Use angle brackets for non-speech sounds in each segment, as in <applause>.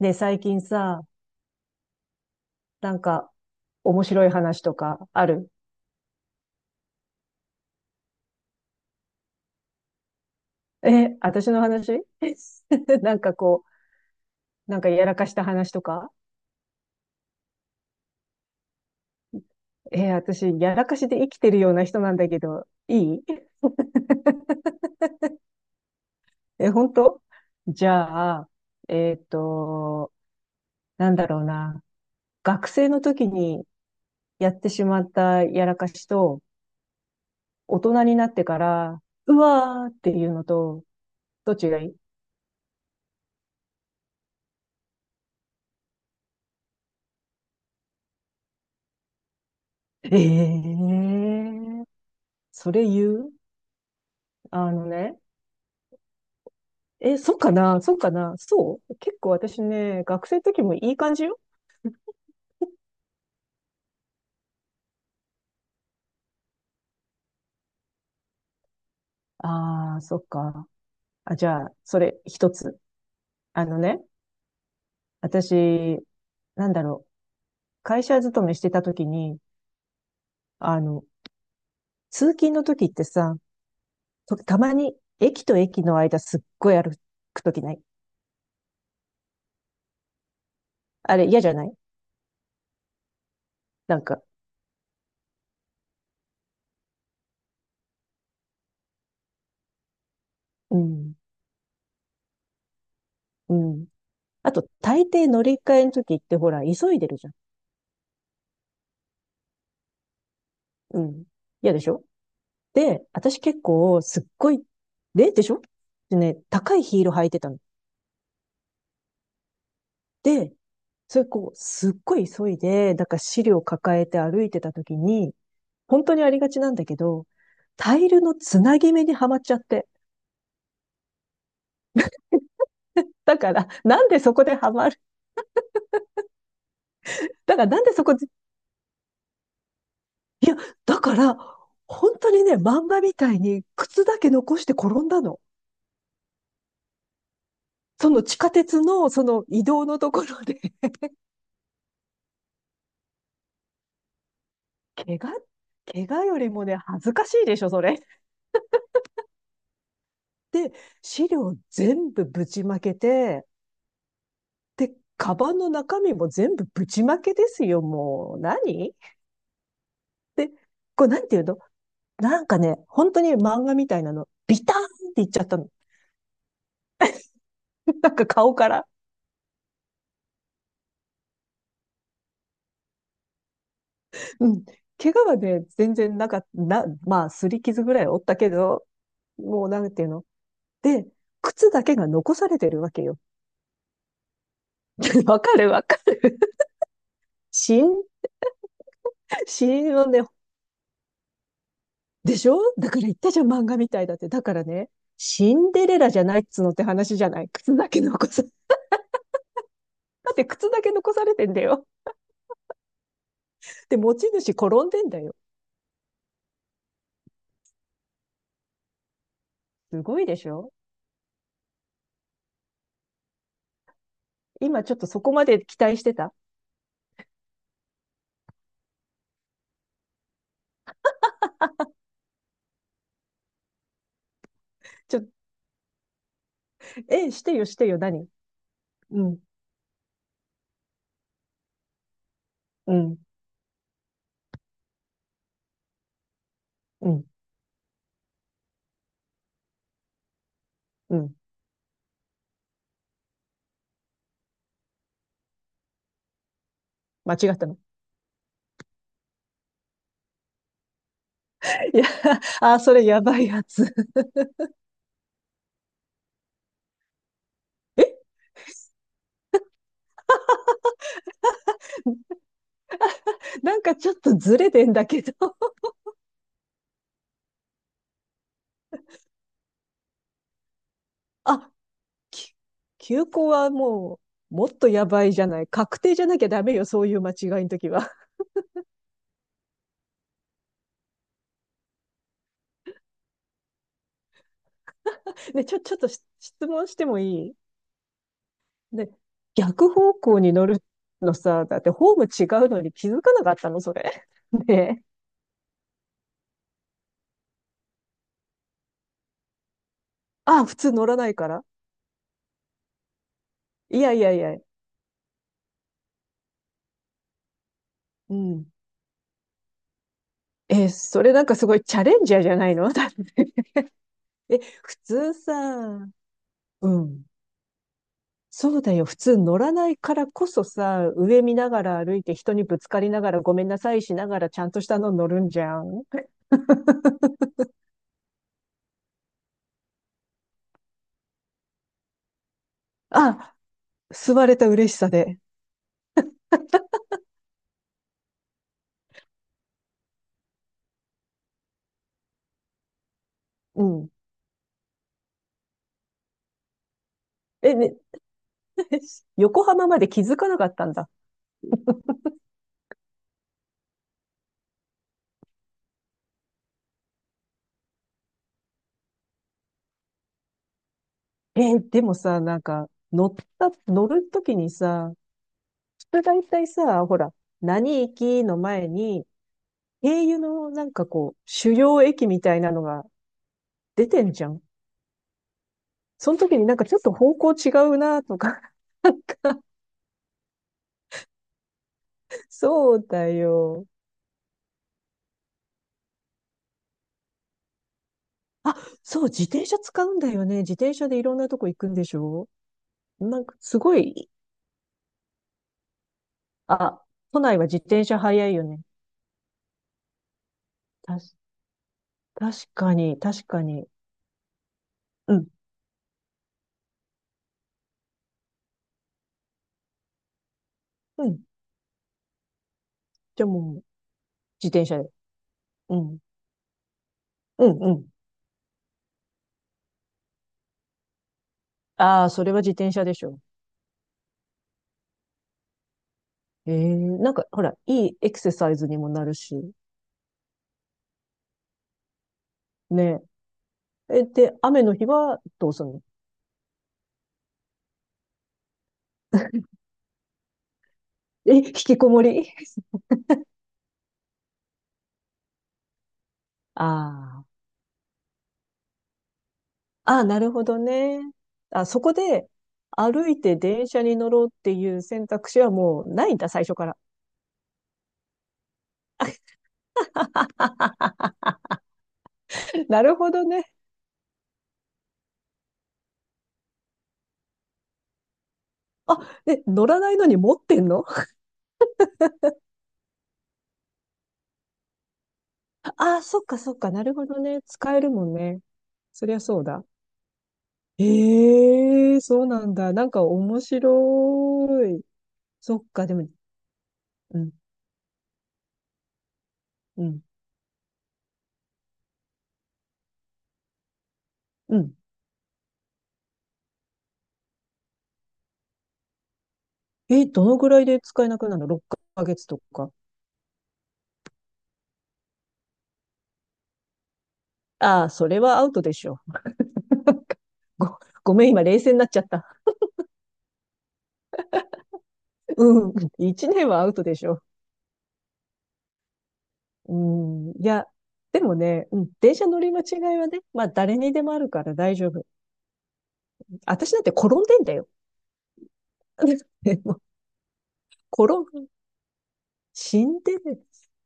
ねえ、最近さ、なんか面白い話とかある？え、私の話？ <laughs> なんかこう、なんかやらかした話とか？え、私、やらかしで生きてるような人なんだけど、いい？え、本当？じゃあ、えっと、なんだろうな。学生の時にやってしまったやらかしと、大人になってから、うわーっていうのと、どっちがいい？ええー、それ言う？あのね。え、そうかなそうかな、そう、結構私ね、学生の時もいい感じよ。ああ、そっか。あ、じゃあ、それ一つ。あのね、私、なんだろう。会社勤めしてた時に、あの、通勤の時ってさ、たまに駅と駅の間すっごい歩く時ない？あれ嫌じゃない？なんか、うん、うん。あと、大抵乗り換えの時ってほら、急いでるじゃん。うん。嫌でしょ？で、私結構すっごい、で、でしょ？でね、高いヒール履いてたの。で、それこう、すっごい急いで、だから資料抱えて歩いてた時に、本当にありがちなんだけど、タイルのつなぎ目にはまっちゃって。だから、なんでそこではまる？だからなんでそこで、いや、だから、本当にね、漫画みたいに靴だけ残して転んだの。その地下鉄のその移動のところで。<laughs> 怪我、怪我よりもね、恥ずかしいでしょ、それ。で、資料全部ぶちまけて、で、カバンの中身も全部ぶちまけですよ、もう。何で、これなんていうの？なんかね、本当に漫画みたいなの、ビターンっていっちゃったの。<laughs> なんか顔から。うん。怪我はね、全然なかった、まあ、擦り傷ぐらいおったけど、もうなんていうの？で、靴だけが残されてるわけよ。<laughs> わかるわかる。死因、死因をね、でしょ？だから言ったじゃん、漫画みたいだって。だからね、シンデレラじゃないっつうのって話じゃない。靴だけ残す。だって靴だけ残されてんだよ。で、持ち主転んでんだよ。すごいでしょ？今ちょっとそこまで期待してた？ちょ、えしてよ、してよ、何？うん、うん、うん、うん。間違ったの？いや、あ、それやばいやつ。え？なんかちょっとずれてんだけど。あ、き休校はもう、もっとやばいじゃない。確定じゃなきゃダメよ、そういう間違いの時は。で、<laughs> ちょっと質問してもいい？で、逆方向に乗るのさ、だってホーム違うのに気づかなかったの、それ。<laughs> ねえ。あ、普通乗らないから。いやいやいや、うん。え、それなんかすごいチャレンジャーじゃないの？ <laughs> だって。<laughs> え、普通さ、うん。そうだよ。普通乗らないからこそさ、上見ながら歩いて人にぶつかりながらごめんなさいしながらちゃんとしたの乗るんじゃん。<laughs> あ、吸われた嬉しさで。うん。え、ね、<laughs> 横浜まで気づかなかったんだ。でもさ、なんか、乗った、乗るときにさ、普通大体さ、ほら、何駅の前に、経由のなんかこう、主要駅みたいなのが出てんじゃん。その時になんかちょっと方向違うなとか、<laughs> なんか、そうだよ。あ、そう、自転車使うんだよね。自転車でいろんなとこ行くんでしょ？なんか、すごい、あ、都内は自転車早いよね。たし、確かに、確かに。うんうん。じゃあもう、自転車で。うん。うん、うん。ああ、それは自転車でしょ？ええなんか、ほら、いいエクササイズにもなるし。ねえ。え、で、雨の日はどうするの？え、引きこもり？ <laughs> ああ。ああ、なるほどね。あ、そこで、歩いて電車に乗ろうっていう選択肢はもうないんだ、最初から。<laughs> なるほどね。あ、え、乗らないのに持ってんの？ああ、そっかそっか、なるほどね。使えるもんね。そりゃそうだ。ええ、そうなんだ。なんか面白い。そっか、でも、うん、うん、うん。え、どのぐらいで使えなくなるの？ 6 ヶ月とか。ああ、それはアウトでしょ。ご、ごめん、今冷静になっちゃった。うん、1年はアウトでしょ？うん、いや、でもね、うん、電車乗り間違いはね、まあ誰にでもあるから大丈夫。私だって転んでんだよ。<laughs> でも転シンデレラ、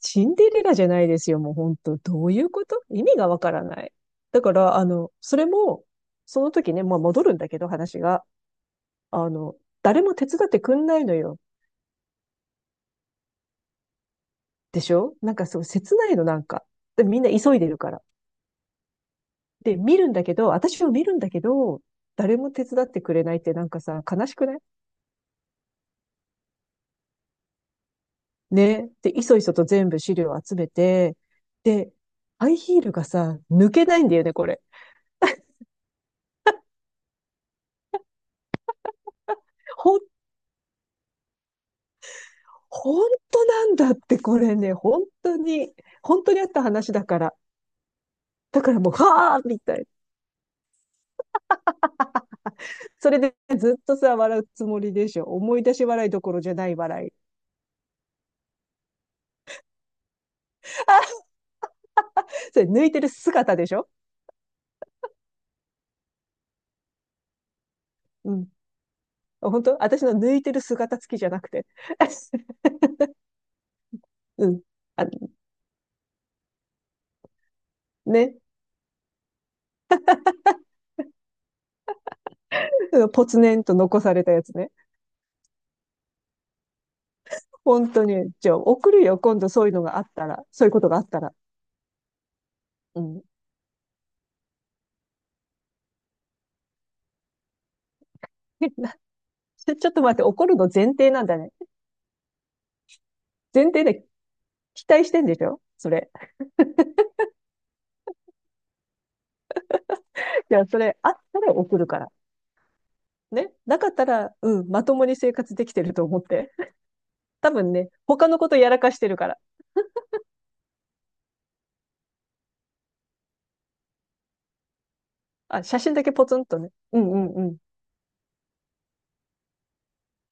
シンデレラじゃないですよ。もう本当どういうこと？意味がわからない。だから、それも、その時ね、まあ戻るんだけど、話が。あの、誰も手伝ってくんないのよ。でしょ？なんかそう、切ないの、なんか。で、みんな急いでるから。で、見るんだけど、私を見るんだけど、誰も手伝ってくれないってなんかさ、悲しくない？ね。で、いそいそと全部資料を集めて、で、ハイヒールがさ、抜けないんだよね、これ。本本当なんだって、これね、本当に、本当にあった話だから。だからもう、はあみたいな。それでずっとさ、笑うつもりでしょ。思い出し笑いどころじゃない笑い。それ抜いてる姿でしょ？うん。本当私の抜いてる姿付きじゃなくて。<laughs> うん。あ、ね。うん、ポツネンと残されたやつね。本当に。じゃあ、送るよ。今度そういうのがあったら。そういうことがあったら。うん。<laughs> なちょっと待って、怒るの前提なんだね。前提で期待してんでしょ？それ。じゃあ、それあったら送るから。ね。なかったら、うん、まともに生活できてると思って。<laughs> 多分ね、他のことやらかしてるから。あ、写真だけポツンとね。うんうんうん。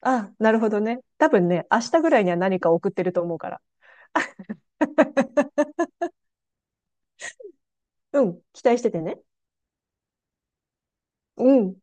あ、なるほどね。多分ね、明日ぐらいには何か送ってると思うから。<laughs> うん、期待しててね。うん。